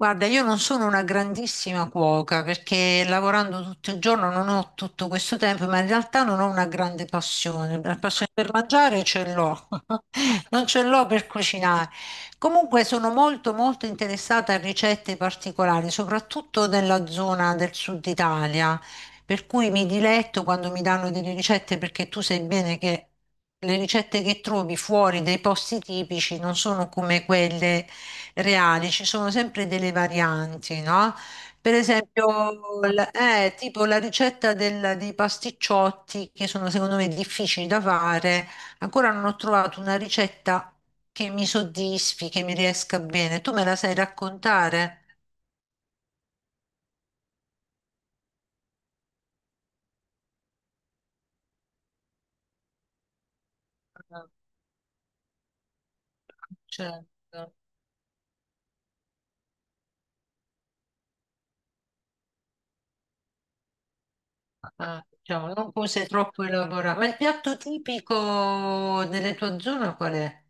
Guarda, io non sono una grandissima cuoca perché lavorando tutto il giorno non ho tutto questo tempo, ma in realtà non ho una grande passione. La passione per mangiare ce l'ho, non ce l'ho per cucinare. Comunque sono molto molto interessata a ricette particolari, soprattutto nella zona del sud Italia, per cui mi diletto quando mi danno delle ricette perché tu sai bene che le ricette che trovi fuori dai posti tipici non sono come quelle reale, ci sono sempre delle varianti, no? Per esempio, tipo la ricetta dei pasticciotti, che sono secondo me difficili da fare, ancora non ho trovato una ricetta che mi soddisfi, che mi riesca bene. Tu me la sai raccontare? Ah. Certo. Ah, diciamo, non cose troppo elaborate. Ma il piatto tipico delle tue zone qual è?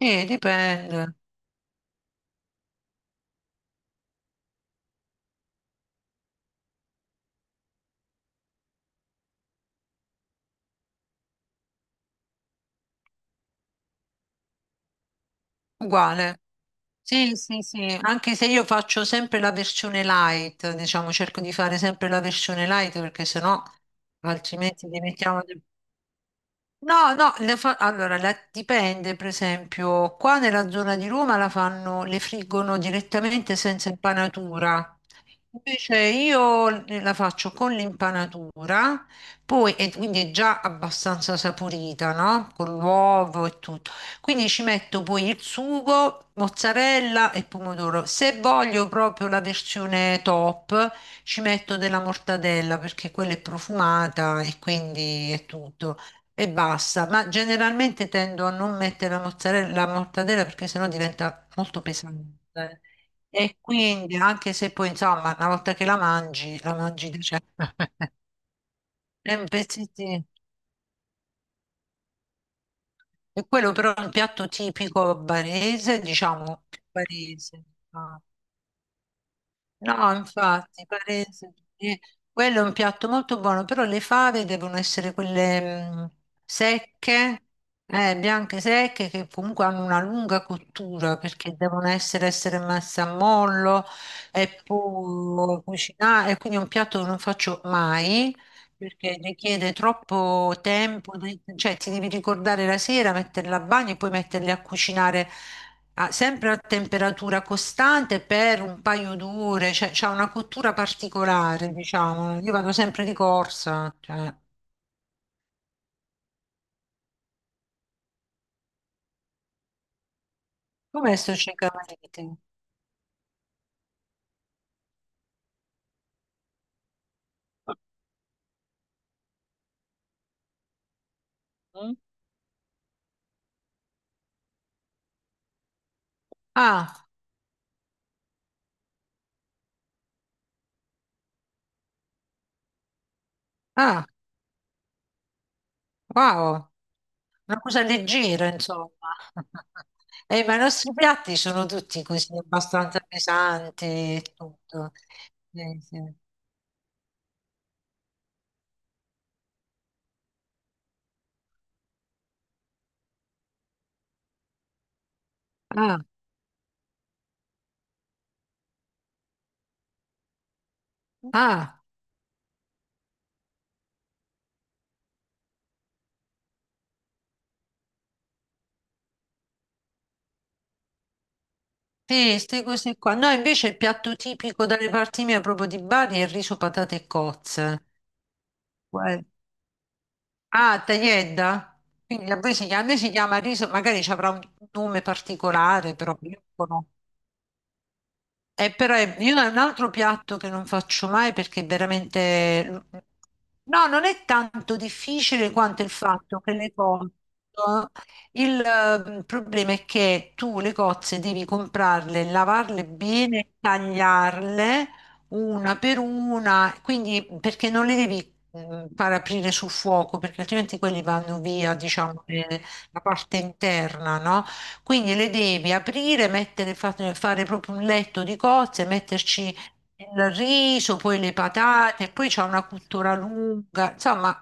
Dipende. Uguale. Sì, sì, sì, anche se io faccio sempre la versione light, diciamo, cerco di fare sempre la versione light perché sennò altrimenti diventiamo... No, no, allora dipende, per esempio, qua nella zona di Roma la fanno, le friggono direttamente senza impanatura. Invece io la faccio con l'impanatura, poi e quindi è già abbastanza saporita, no? Con l'uovo e tutto. Quindi ci metto poi il sugo, mozzarella e pomodoro. Se voglio proprio la versione top, ci metto della mortadella perché quella è profumata e quindi è tutto e basta, ma generalmente tendo a non mettere la mozzarella, la mortadella perché sennò diventa molto pesante. E quindi, anche se poi, insomma, una volta che la mangi di certo. È un pezzettino. E quello però è un piatto tipico barese, diciamo, barese, diciamo. No, infatti, parese. Quello è un piatto molto buono, però le fave devono essere quelle secche, bianche secche, che comunque hanno una lunga cottura perché devono essere messe a mollo e poi cucinare. E quindi è un piatto che non faccio mai, perché richiede troppo tempo, cioè ti devi ricordare la sera, metterle a bagno e poi metterle a cucinare sempre a temperatura costante per un paio d'ore, cioè c'ha una cottura particolare, diciamo. Io vado sempre di corsa, cioè. Com'è sto ceccamarite? Mm? Ah, ah, wow, una cosa leggera, insomma. Ma i nostri piatti sono tutti così, abbastanza pesanti e tutto. Sì, sì. Ah. Ah, sì, queste cose qua. No, invece il piatto tipico dalle parti mie, proprio di Bari, è il riso, patate e cozze. Uè. Ah, tagliedda? Quindi a voi si chiama, a noi si chiama riso, magari ci avrà un nome particolare, però io conosco. Però io ho un altro piatto che non faccio mai perché è veramente... No, non è tanto difficile quanto il fatto che le cozze... eh. Il problema è che tu le cozze devi comprarle, lavarle bene, tagliarle una per una, quindi perché non le devi far aprire sul fuoco, perché altrimenti quelli vanno via, diciamo, la parte interna, no? Quindi le devi aprire, mettere, fare proprio un letto di cozze, metterci il riso, poi le patate, poi c'è una cottura lunga, insomma.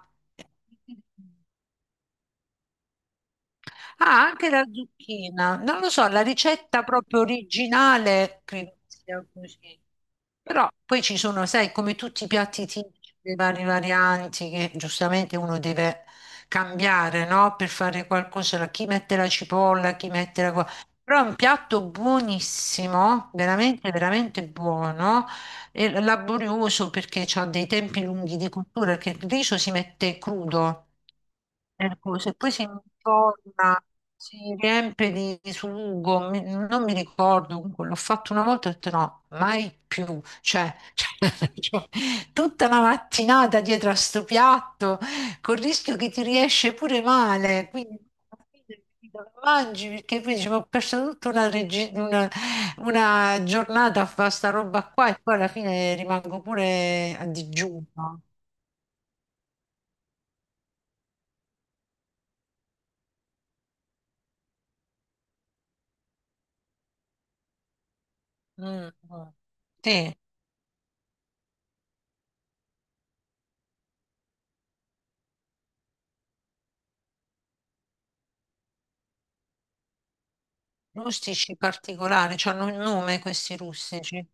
Ah, anche la zucchina. Non lo so, la ricetta proprio originale credo sia così. Però poi ci sono, sai, come tutti i piatti tipici, le varie varianti che giustamente uno deve cambiare, no? Per fare qualcosa. Chi mette la cipolla, chi mette la... Però è un piatto buonissimo, veramente, veramente buono, e laborioso perché ha dei tempi lunghi di cottura, perché il riso si mette crudo per cui se poi si informa, si riempie di sugo, non mi ricordo, comunque l'ho fatto una volta e ho detto no, mai più, cioè, cioè, tutta la mattinata dietro a sto piatto, col rischio che ti riesce pure male, quindi alla fine ti lo mangi perché poi dici, "Ma ho perso tutta una giornata a fare sta roba qua e poi alla fine rimango pure a digiuno. Mm, mm. Sì. Rustici particolari, cioè hanno un nome questi rustici.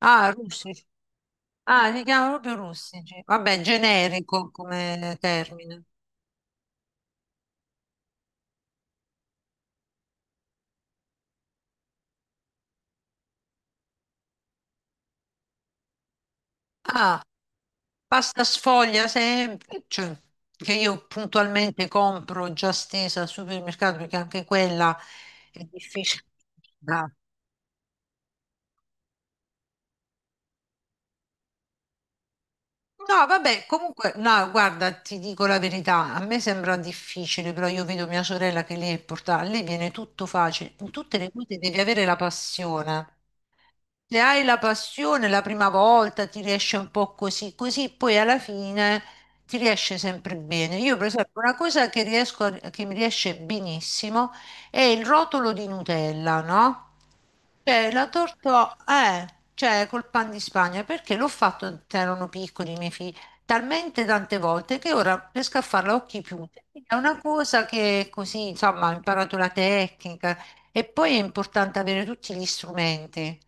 Ah, rustici. Ah, li chiamano proprio rustici. Vabbè, generico come termine. Ah, pasta sfoglia semplice, che io puntualmente compro già stesa al supermercato perché anche quella è difficile. Ah. No, vabbè, comunque, no, guarda, ti dico la verità, a me sembra difficile, però io vedo mia sorella che lei è portata, a lei viene tutto facile, in tutte le cose devi avere la passione. Se hai la passione la prima volta ti riesce un po' così, così poi alla fine ti riesce sempre bene. Io, per esempio, una cosa che che mi riesce benissimo è il rotolo di Nutella, no? Cioè, cioè, col pan di Spagna, perché l'ho fatto quando erano piccoli i miei figli, talmente tante volte che ora riesco a farla a occhi chiusi. È una cosa che così, insomma, ho imparato la tecnica e poi è importante avere tutti gli strumenti.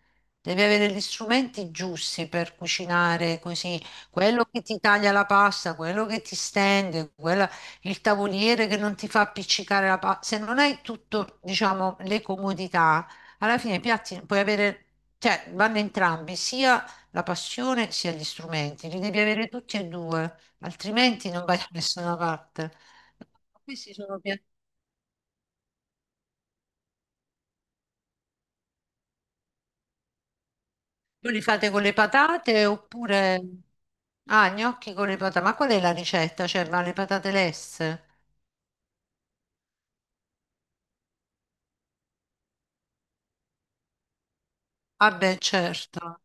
Devi avere gli strumenti giusti per cucinare così, quello che ti taglia la pasta, quello che ti stende, il tavoliere che non ti fa appiccicare la pasta. Se non hai tutto, diciamo, le comodità, alla fine i piatti puoi avere, cioè vanno entrambi, sia la passione sia gli strumenti, li devi avere tutti e due, altrimenti non vai da nessuna parte. Questi sono piatti. Voi li fate con le patate oppure... Ah, gnocchi con le patate, ma qual è la ricetta? Cioè, ma le patate lesse? Ah beh, certo.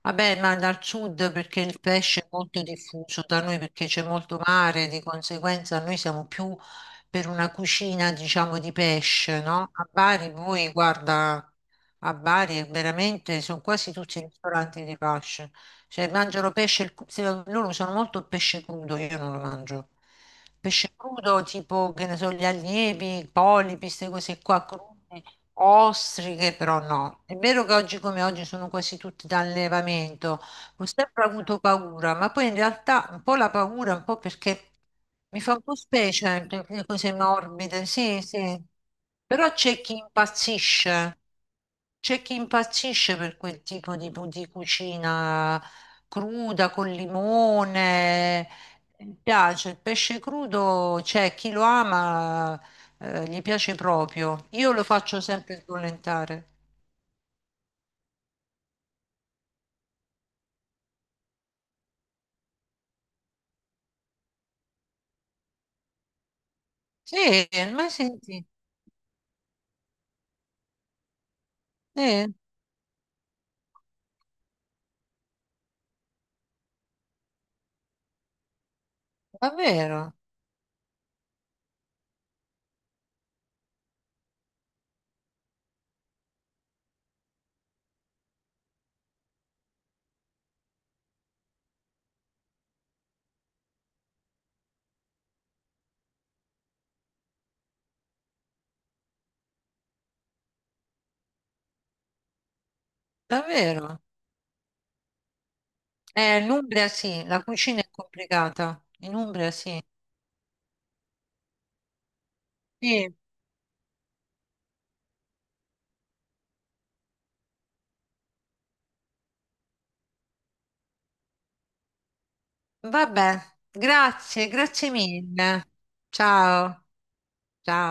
Vabbè, ma dal sud perché il pesce è molto diffuso da noi perché c'è molto mare, di conseguenza noi siamo più per una cucina, diciamo, di pesce, no? A Bari voi, guarda, a Bari è veramente sono quasi tutti i ristoranti di pesce. Cioè, mangiano pesce, il cru- se- loro usano molto il pesce crudo, io non lo mangio. Pesce crudo tipo, che ne so, gli allievi, i polipi, queste cose qua crude. Ostriche però no, è vero che oggi come oggi sono quasi tutti da allevamento, ho sempre avuto paura, ma poi in realtà un po' la paura, un po' perché mi fa un po' specie, perché cose morbide, sì, sì, però c'è chi impazzisce per quel tipo di cucina cruda, con limone. Mi piace il pesce crudo, c'è chi lo ama, gli piace proprio. Io lo faccio sempre sbollentare. Sì, ma senti, eh, davvero, davvero. In Umbria sì, la cucina è complicata. In Umbria sì. Sì, vabbè, grazie, grazie mille. Ciao, ciao.